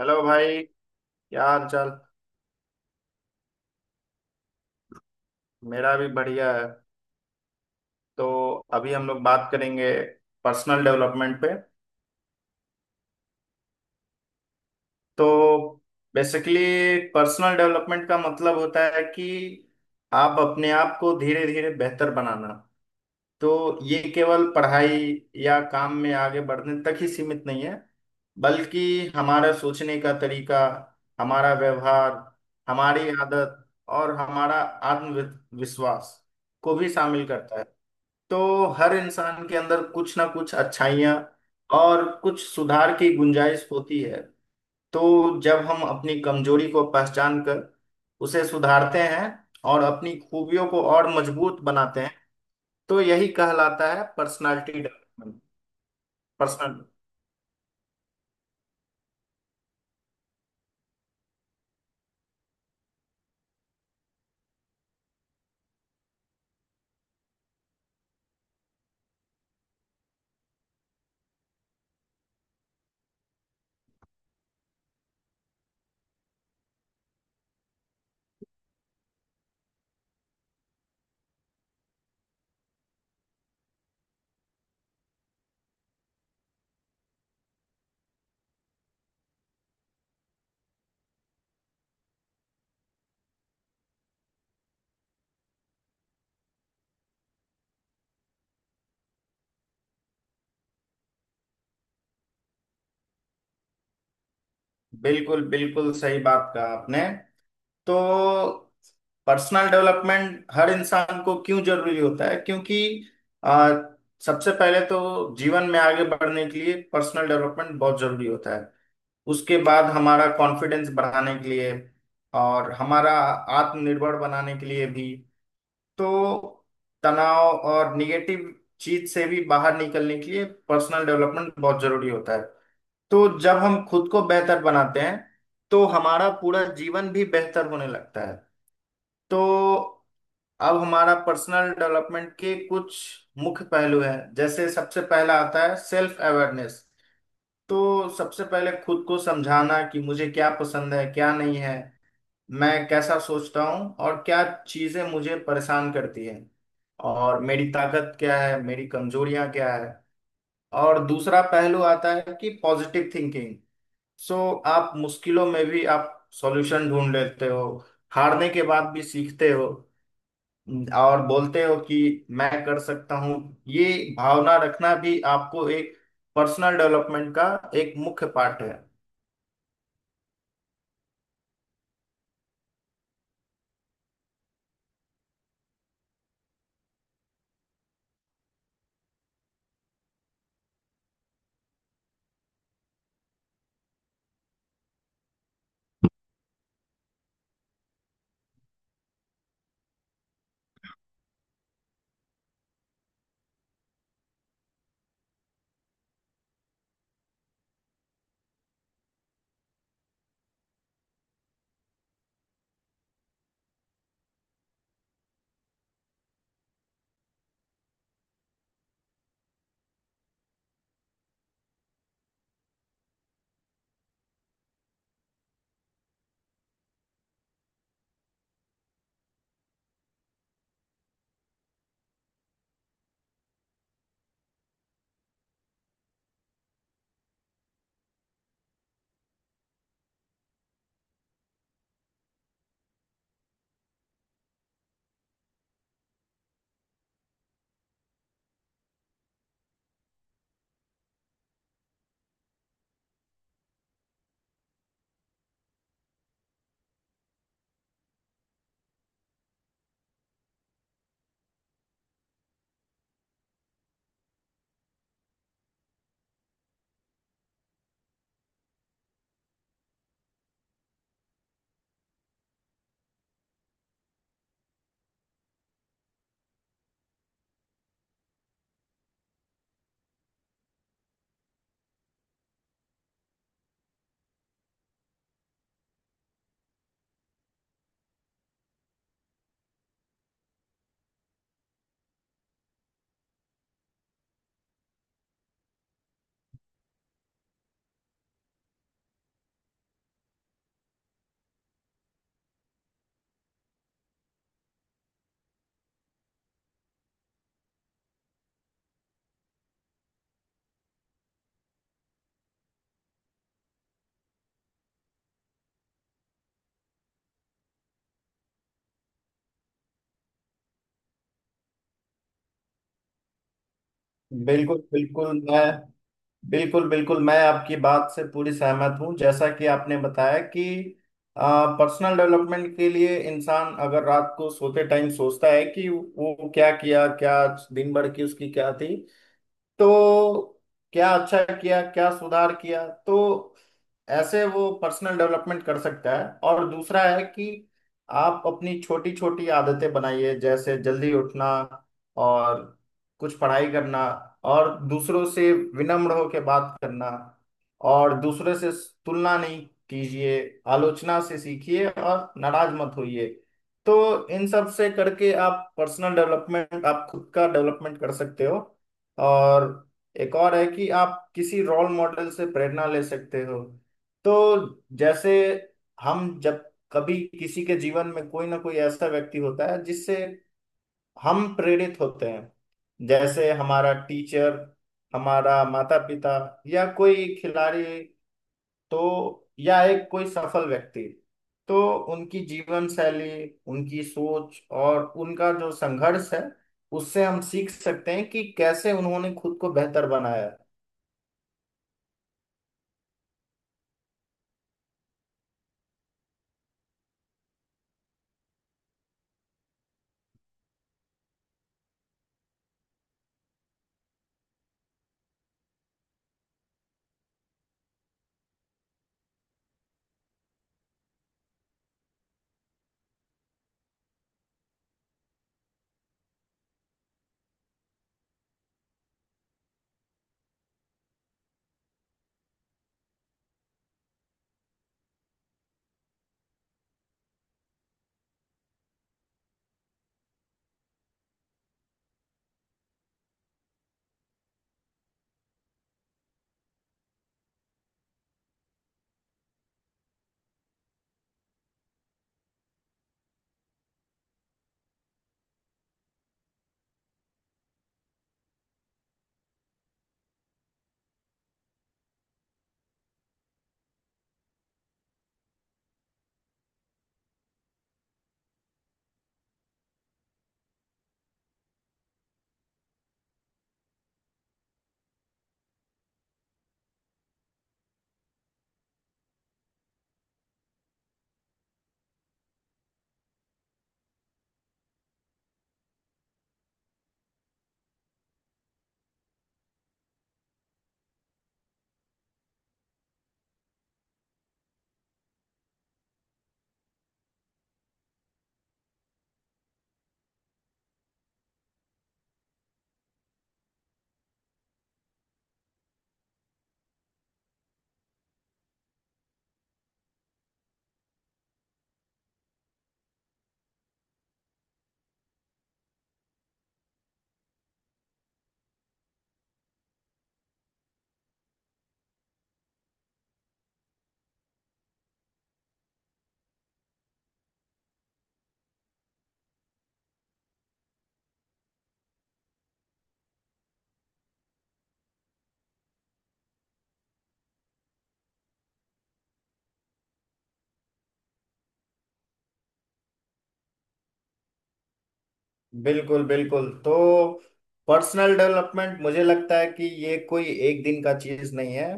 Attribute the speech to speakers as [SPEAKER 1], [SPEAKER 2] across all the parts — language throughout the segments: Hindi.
[SPEAKER 1] हेलो भाई। क्या हाल चाल। मेरा भी बढ़िया है। तो अभी हम लोग बात करेंगे पर्सनल डेवलपमेंट पे। तो बेसिकली पर्सनल डेवलपमेंट का मतलब होता है कि आप अपने आप को धीरे धीरे बेहतर बनाना। तो ये केवल पढ़ाई या काम में आगे बढ़ने तक ही सीमित नहीं है, बल्कि हमारा सोचने का तरीका, हमारा व्यवहार, हमारी आदत और हमारा आत्मविश्वास को भी शामिल करता है। तो हर इंसान के अंदर कुछ ना कुछ अच्छाइयाँ और कुछ सुधार की गुंजाइश होती है। तो जब हम अपनी कमजोरी को पहचान कर उसे सुधारते हैं और अपनी खूबियों को और मजबूत बनाते हैं, तो यही कहलाता है पर्सनालिटी डेवलपमेंट, पर्सनल। बिल्कुल बिल्कुल सही बात कहा आपने। तो पर्सनल डेवलपमेंट हर इंसान को क्यों जरूरी होता है, क्योंकि आ, सबसे पहले तो जीवन में आगे बढ़ने के लिए पर्सनल डेवलपमेंट बहुत जरूरी होता है। उसके बाद हमारा कॉन्फिडेंस बढ़ाने के लिए और हमारा आत्मनिर्भर बनाने के लिए भी। तो तनाव और निगेटिव चीज से भी बाहर निकलने के लिए पर्सनल डेवलपमेंट बहुत जरूरी होता है। तो जब हम खुद को बेहतर बनाते हैं, तो हमारा पूरा जीवन भी बेहतर होने लगता है। तो अब हमारा पर्सनल डेवलपमेंट के कुछ मुख्य पहलू हैं। जैसे सबसे पहला आता है सेल्फ अवेयरनेस। तो सबसे पहले खुद को समझाना कि मुझे क्या पसंद है क्या नहीं है, मैं कैसा सोचता हूँ और क्या चीज़ें मुझे परेशान करती हैं, और मेरी ताकत क्या है मेरी कमजोरियां क्या है। और दूसरा पहलू आता है कि पॉजिटिव थिंकिंग। सो आप मुश्किलों में भी आप सॉल्यूशन ढूंढ लेते हो, हारने के बाद भी सीखते हो और बोलते हो कि मैं कर सकता हूँ। ये भावना रखना भी आपको एक पर्सनल डेवलपमेंट का एक मुख्य पार्ट है। बिल्कुल बिल्कुल मैं बिल्कुल बिल्कुल मैं आपकी बात से पूरी सहमत हूँ। जैसा कि आपने बताया कि पर्सनल डेवलपमेंट के लिए इंसान अगर रात को सोते टाइम सोचता है कि वो क्या किया, क्या दिन भर की उसकी क्या थी, तो क्या अच्छा किया क्या सुधार किया, तो ऐसे वो पर्सनल डेवलपमेंट कर सकता है। और दूसरा है कि आप अपनी छोटी छोटी आदतें बनाइए, जैसे जल्दी उठना और कुछ पढ़ाई करना और दूसरों से विनम्र होकर बात करना। और दूसरे से तुलना नहीं कीजिए, आलोचना से सीखिए और नाराज मत होइए। तो इन सब से करके आप पर्सनल डेवलपमेंट, आप खुद का डेवलपमेंट कर सकते हो। और एक और है कि आप किसी रोल मॉडल से प्रेरणा ले सकते हो। तो जैसे हम जब कभी किसी के जीवन में कोई ना कोई ऐसा व्यक्ति होता है जिससे हम प्रेरित होते हैं, जैसे हमारा टीचर, हमारा माता पिता या कोई खिलाड़ी, तो या एक कोई सफल व्यक्ति। तो उनकी जीवन शैली, उनकी सोच और उनका जो संघर्ष है, उससे हम सीख सकते हैं कि कैसे उन्होंने खुद को बेहतर बनाया। बिल्कुल बिल्कुल। तो पर्सनल डेवलपमेंट मुझे लगता है कि ये कोई एक दिन का चीज नहीं है।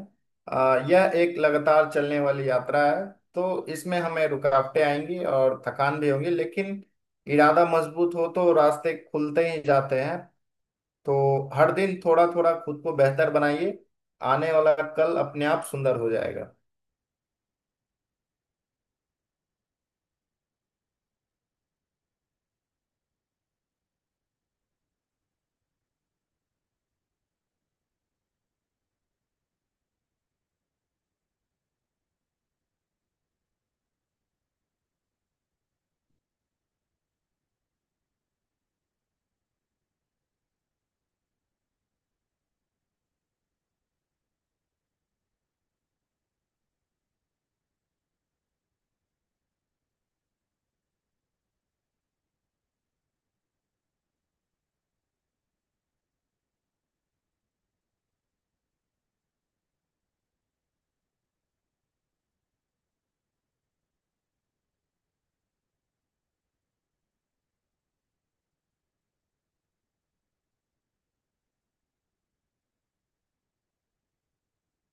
[SPEAKER 1] यह एक लगातार चलने वाली यात्रा है। तो इसमें हमें रुकावटें आएंगी और थकान भी होगी, लेकिन इरादा मजबूत हो तो रास्ते खुलते ही जाते हैं। तो हर दिन थोड़ा थोड़ा खुद को बेहतर बनाइए, आने वाला कल अपने आप सुंदर हो जाएगा।